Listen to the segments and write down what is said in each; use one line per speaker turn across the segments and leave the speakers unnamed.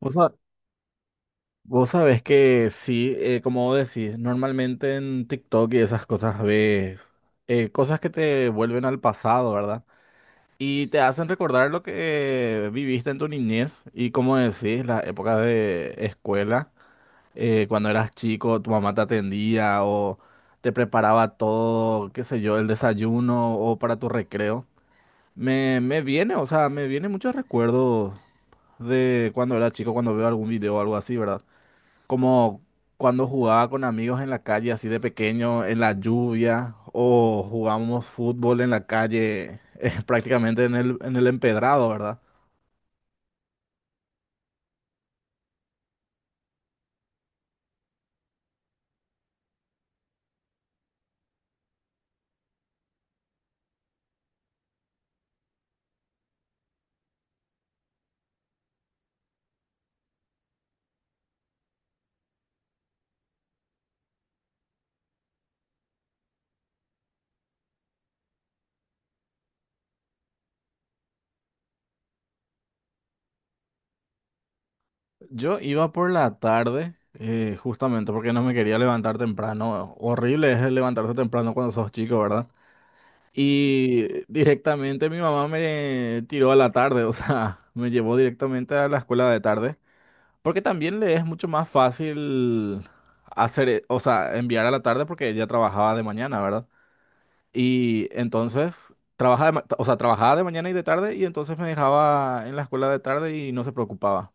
Vos, vos sabés que sí, como vos decís, normalmente en TikTok y esas cosas ves cosas que te vuelven al pasado, ¿verdad? Y te hacen recordar lo que viviste en tu niñez y como decís, las épocas de escuela, cuando eras chico, tu mamá te atendía o te preparaba todo, qué sé yo, el desayuno o para tu recreo. Me vienen muchos recuerdos de cuando era chico, cuando veo algún video o algo así, ¿verdad? Como cuando jugaba con amigos en la calle, así de pequeño, en la lluvia, o jugábamos fútbol en la calle, prácticamente en el empedrado, ¿verdad? Yo iba por la tarde, justamente porque no me quería levantar temprano. Horrible es el levantarse temprano cuando sos chico, ¿verdad? Y directamente mi mamá me tiró a la tarde, o sea, me llevó directamente a la escuela de tarde. Porque también le es mucho más fácil hacer, o sea, enviar a la tarde porque ella trabajaba de mañana, ¿verdad? Y entonces trabajaba de, ma- o sea, trabajaba de mañana y de tarde y entonces me dejaba en la escuela de tarde y no se preocupaba.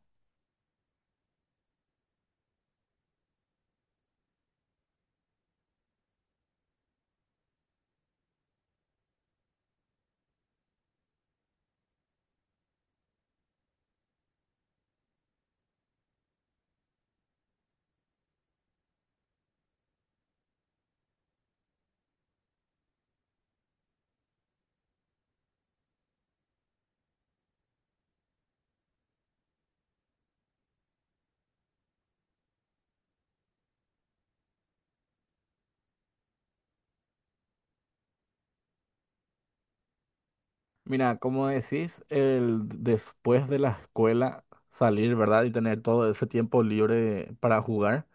Mira, como decís, el después de la escuela salir, ¿verdad? Y tener todo ese tiempo libre para jugar.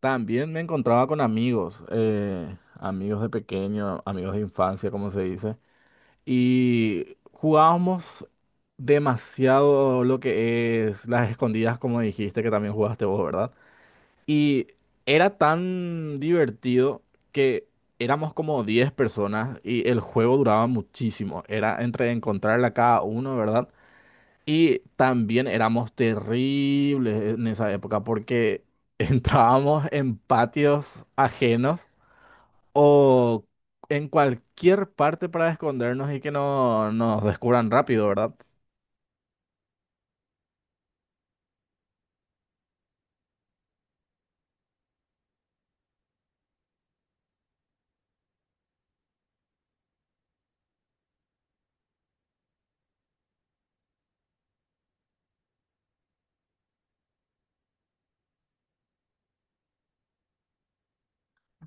También me encontraba con amigos, amigos de pequeño, amigos de infancia, como se dice. Y jugábamos demasiado lo que es las escondidas, como dijiste, que también jugaste vos, ¿verdad? Y era tan divertido que éramos como 10 personas y el juego duraba muchísimo. Era entre encontrarla a cada uno, ¿verdad? Y también éramos terribles en esa época porque entrábamos en patios ajenos o en cualquier parte para escondernos y que no nos descubran rápido, ¿verdad?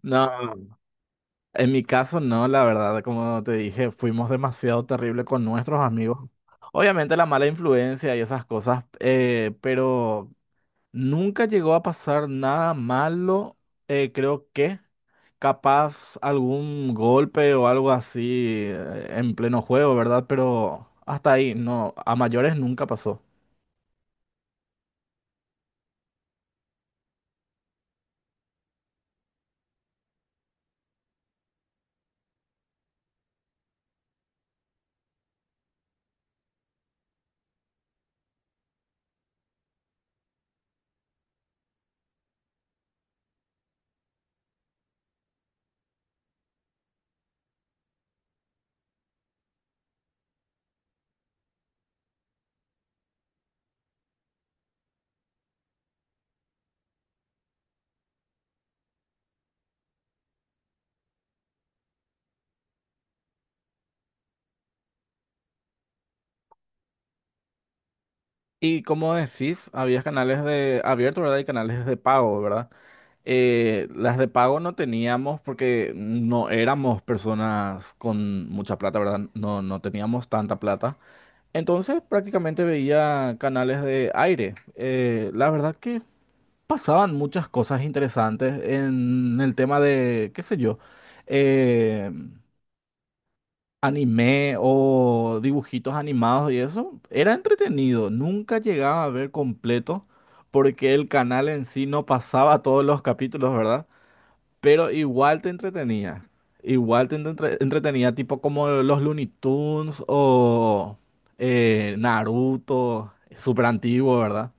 No, en mi caso no, la verdad, como te dije, fuimos demasiado terrible con nuestros amigos. Obviamente la mala influencia y esas cosas, pero nunca llegó a pasar nada malo, creo que capaz algún golpe o algo así en pleno juego, ¿verdad? Pero hasta ahí, no, a mayores nunca pasó. Y como decís, había canales de abierto, ¿verdad? Y canales de pago, ¿verdad? Las de pago no teníamos porque no éramos personas con mucha plata, ¿verdad? No, no teníamos tanta plata. Entonces prácticamente veía canales de aire. La verdad que pasaban muchas cosas interesantes en el tema de, qué sé yo. eh, Anime o dibujitos animados y eso, era entretenido. Nunca llegaba a ver completo porque el canal en sí no pasaba todos los capítulos, ¿verdad? Pero igual te entretenía. Igual entretenía, tipo como los Looney Tunes o Naruto, súper antiguo, ¿verdad?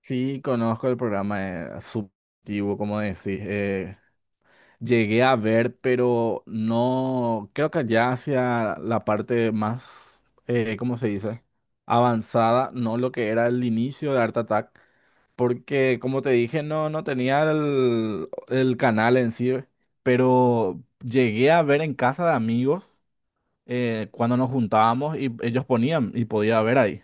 Sí, conozco el programa, eh, sub- antiguo, como decís. Llegué a ver, pero no, creo que ya hacia la parte más, ¿cómo se dice? Avanzada, no lo que era el inicio de Art Attack, porque como te dije, no, no tenía el canal en sí, pero llegué a ver en casa de amigos cuando nos juntábamos y ellos ponían y podía ver ahí.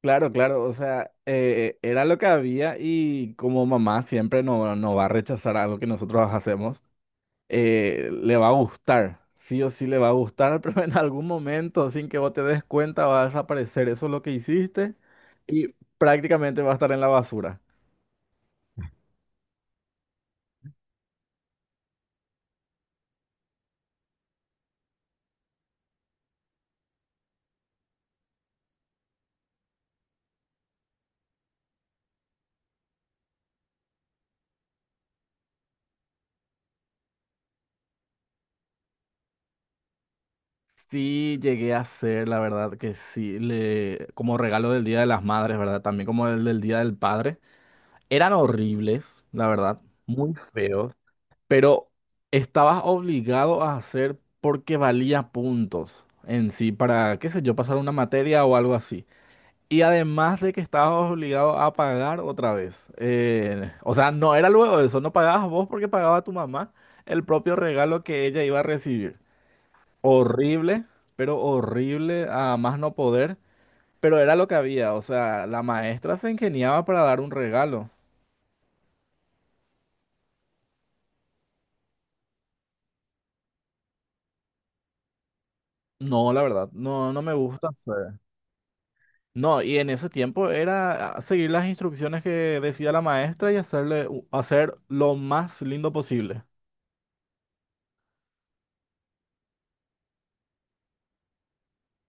Claro, claro, o sea, era lo que había y como mamá siempre no, no va a rechazar algo que nosotros hacemos. Le va a gustar. Sí o sí le va a gustar, pero en algún momento, sin que vos te des cuenta, va a desaparecer. Eso es lo que hiciste y prácticamente va a estar en la basura. Sí, llegué a hacer, la verdad que sí, le, como regalo del Día de las Madres, ¿verdad? También como el del Día del Padre. Eran horribles, la verdad, muy feos, pero estabas obligado a hacer porque valía puntos en sí para, qué sé yo, pasar una materia o algo así. Y además de que estabas obligado a pagar otra vez. O sea, no era luego de eso, no pagabas vos porque pagaba tu mamá el propio regalo que ella iba a recibir. Horrible, pero horrible a más no poder. Pero era lo que había, o sea, la maestra se ingeniaba para dar un regalo. No, la verdad, no, no me gusta hacer. No, y en ese tiempo era ah, seguir las instrucciones que decía la maestra y hacerle, hacer lo más lindo posible.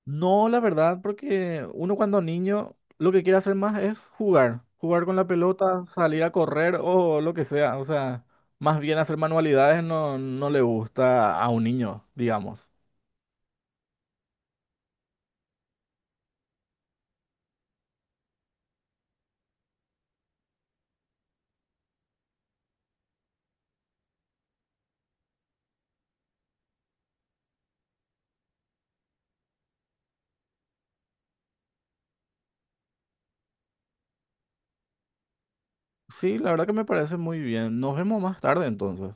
No, la verdad, porque uno cuando niño lo que quiere hacer más es jugar, jugar con la pelota, salir a correr o lo que sea. O sea, más bien hacer manualidades no, no le gusta a un niño, digamos. Sí, la verdad que me parece muy bien. Nos vemos más tarde entonces.